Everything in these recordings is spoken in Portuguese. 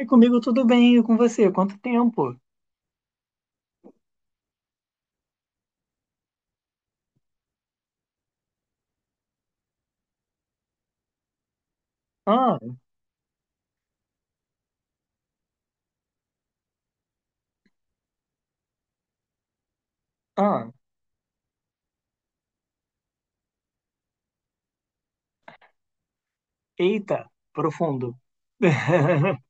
E comigo tudo bem, e com você? Quanto tempo? Ah, ah, eita, profundo.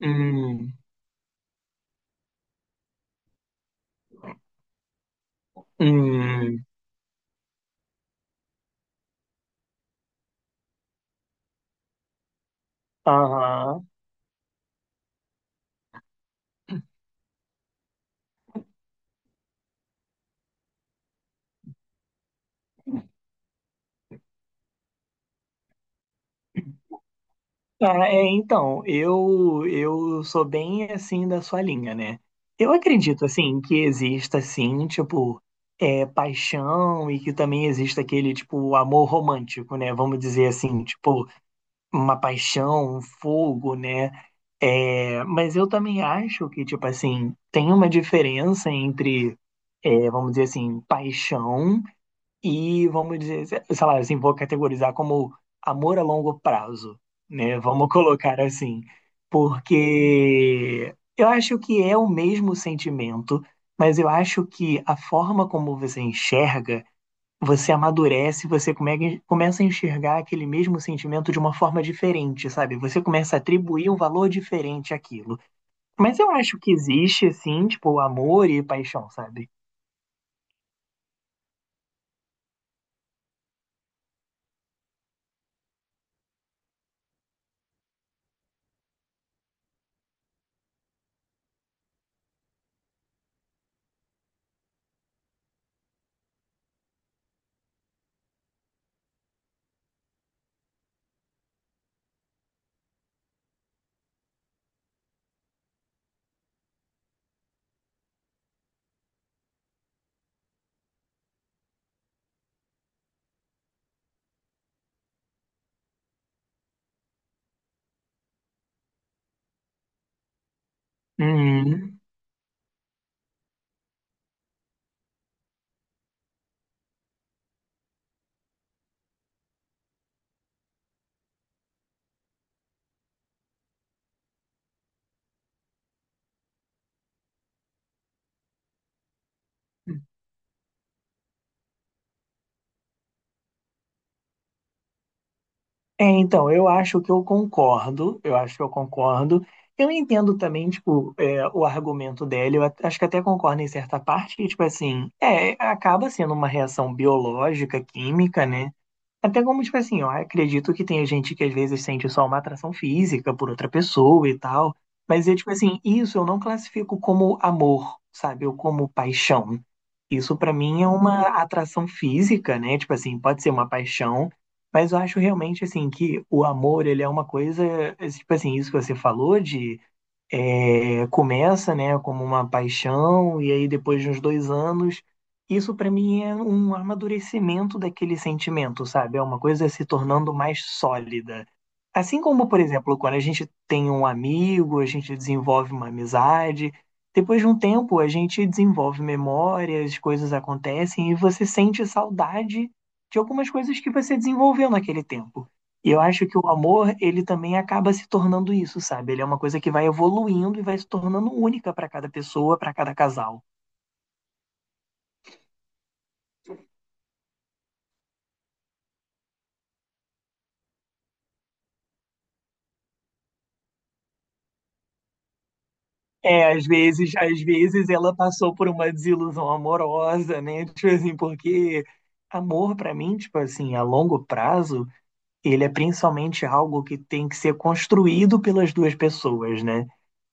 Hum, hum, aham. Tá, então, eu sou bem assim da sua linha, né? Eu acredito, assim, que exista, assim, tipo, paixão e que também exista aquele, tipo, amor romântico, né? Vamos dizer assim, tipo, uma paixão, um fogo, né? É, mas eu também acho que, tipo assim, tem uma diferença entre, vamos dizer assim, paixão e, vamos dizer, sei lá, assim, vou categorizar como amor a longo prazo, né? Vamos colocar assim. Porque eu acho que é o mesmo sentimento, mas eu acho que a forma como você enxerga você amadurece, você começa a enxergar aquele mesmo sentimento de uma forma diferente, sabe? Você começa a atribuir um valor diferente àquilo. Mas eu acho que existe, sim, tipo, amor e paixão, sabe? Hum. É, então, eu acho que eu concordo, eu acho que eu concordo. Eu entendo também, tipo, é, o argumento dela, acho que até concordo em certa parte, que, tipo assim, é, acaba sendo uma reação biológica, química, né? Até como, tipo assim, ó, acredito que tem gente que às vezes sente só uma atração física por outra pessoa e tal, mas é tipo assim, isso eu não classifico como amor, sabe? Ou como paixão. Isso pra mim é uma atração física, né? Tipo assim, pode ser uma paixão, mas eu acho realmente assim que o amor, ele é uma coisa, tipo assim, isso que você falou de começa, né, como uma paixão, e aí depois de uns dois anos, isso para mim é um amadurecimento daquele sentimento, sabe? É uma coisa se tornando mais sólida. Assim como, por exemplo, quando a gente tem um amigo, a gente desenvolve uma amizade, depois de um tempo a gente desenvolve memórias, coisas acontecem e você sente saudade de algumas coisas que você desenvolveu naquele tempo. E eu acho que o amor, ele também acaba se tornando isso, sabe? Ele é uma coisa que vai evoluindo e vai se tornando única para cada pessoa, para cada casal. É, às vezes ela passou por uma desilusão amorosa, né? Tipo assim, porque amor para mim, tipo assim, a longo prazo, ele é principalmente algo que tem que ser construído pelas duas pessoas, né?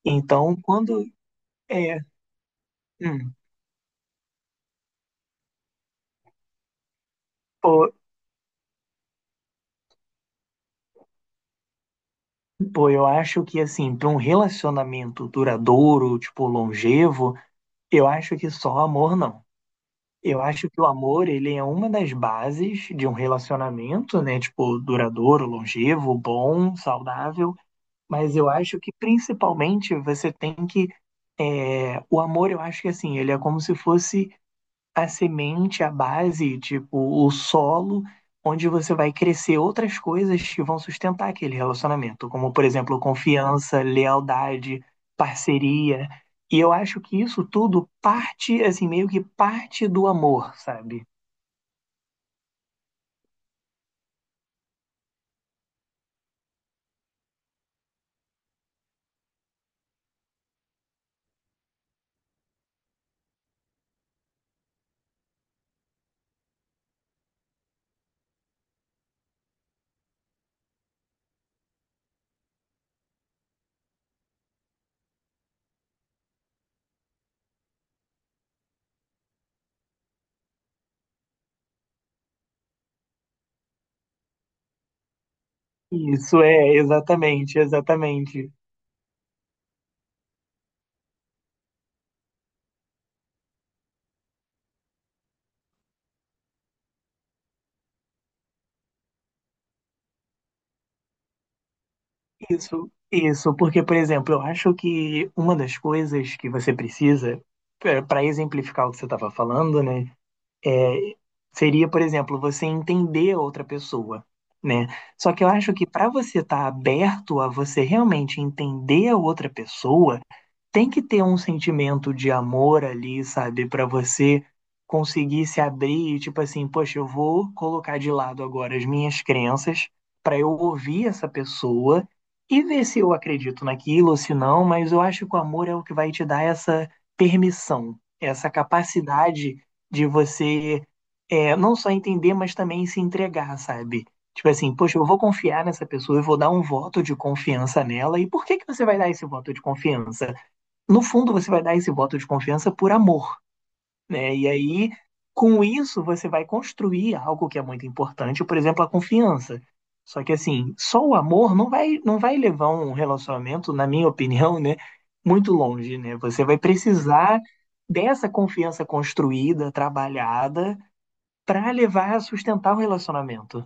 Então, quando é, hum, pô, pô, eu acho que assim, para um relacionamento duradouro, tipo longevo, eu acho que só amor não. Eu acho que o amor, ele é uma das bases de um relacionamento, né? Tipo, duradouro, longevo, bom, saudável. Mas eu acho que principalmente você tem que. O amor, eu acho que assim, ele é como se fosse a semente, a base, tipo, o solo onde você vai crescer outras coisas que vão sustentar aquele relacionamento, como, por exemplo, confiança, lealdade, parceria. E eu acho que isso tudo parte, assim, meio que parte do amor, sabe? Isso é, exatamente, exatamente. Isso, porque, por exemplo, eu acho que uma das coisas que você precisa, para exemplificar o que você estava falando, né? É, seria, por exemplo, você entender a outra pessoa, né? Só que eu acho que para você estar aberto a você realmente entender a outra pessoa, tem que ter um sentimento de amor ali, sabe? Para você conseguir se abrir e, tipo assim, poxa, eu vou colocar de lado agora as minhas crenças para eu ouvir essa pessoa e ver se eu acredito naquilo ou se não, mas eu acho que o amor é o que vai te dar essa permissão, essa capacidade de você não só entender, mas também se entregar, sabe? Tipo assim, poxa, eu vou confiar nessa pessoa, eu vou dar um voto de confiança nela. E por que que você vai dar esse voto de confiança? No fundo, você vai dar esse voto de confiança por amor né? E aí, com isso, você vai construir algo que é muito importante, por exemplo, a confiança. Só que assim, só o amor não vai levar um relacionamento, na minha opinião, né, muito longe, né? Você vai precisar dessa confiança construída, trabalhada, para levar a sustentar o relacionamento.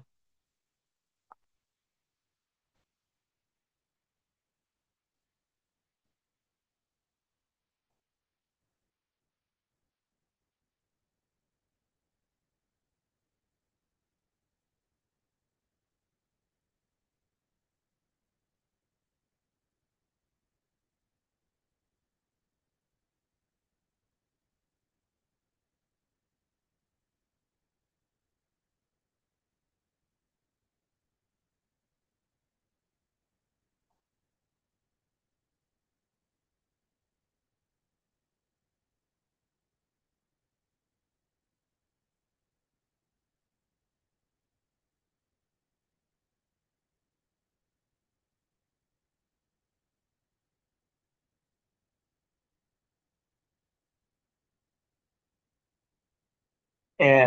É,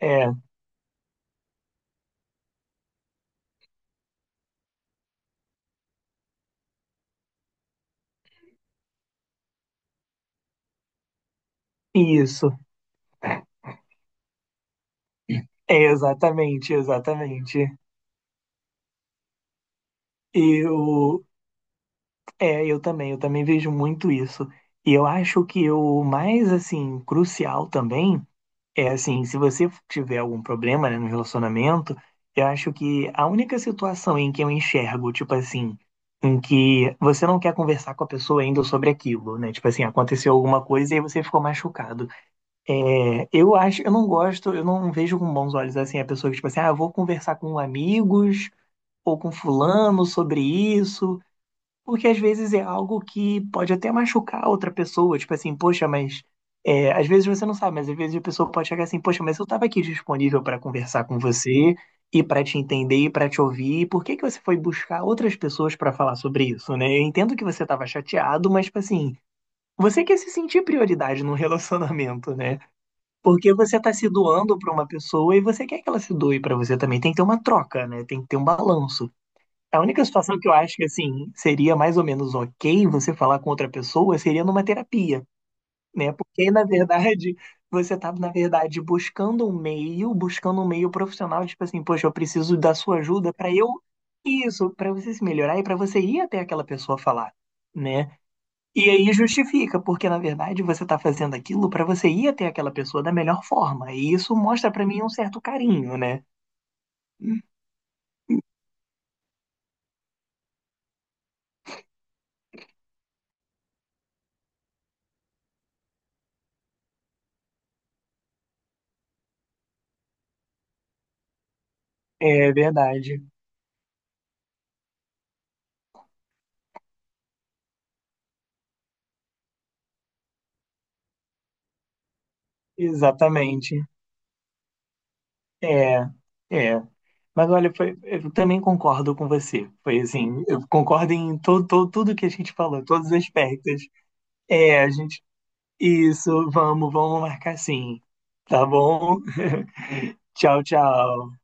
é, isso. É exatamente, exatamente. E o, É, eu também vejo muito isso. E eu acho que o mais, assim, crucial também assim, se você tiver algum problema, né, no relacionamento, eu acho que a única situação em que eu enxergo, tipo assim, em que você não quer conversar com a pessoa ainda sobre aquilo, né? Tipo assim, aconteceu alguma coisa e aí você ficou machucado. É, eu acho, eu não gosto, eu não vejo com bons olhos, assim, a pessoa que, tipo assim, ah, eu vou conversar com amigos ou com fulano sobre isso. Porque às vezes é algo que pode até machucar outra pessoa, tipo assim, poxa, mas às vezes você não sabe, mas às vezes a pessoa pode chegar assim, poxa, mas eu estava aqui disponível para conversar com você e para te entender e para te ouvir, e por que que você foi buscar outras pessoas para falar sobre isso, né? Eu entendo que você estava chateado, mas tipo assim, você quer se sentir prioridade num relacionamento, né? Porque você tá se doando para uma pessoa e você quer que ela se doe para você também, tem que ter uma troca, né? Tem que ter um balanço. A única situação que eu acho que assim seria mais ou menos ok você falar com outra pessoa seria numa terapia, né? Porque na verdade você tá, na verdade, buscando um meio profissional, tipo assim, poxa, eu preciso da sua ajuda para eu isso, para você se melhorar e para você ir até aquela pessoa falar, né? E aí justifica, porque na verdade você tá fazendo aquilo para você ir até aquela pessoa da melhor forma. E isso mostra para mim um certo carinho, né? É verdade. Exatamente. É, é. Mas olha, foi, eu também concordo com você. Foi assim, eu concordo em tudo que a gente falou, todos os aspectos. É, a gente. Isso, vamos, vamos marcar sim. Tá bom? Tchau, tchau.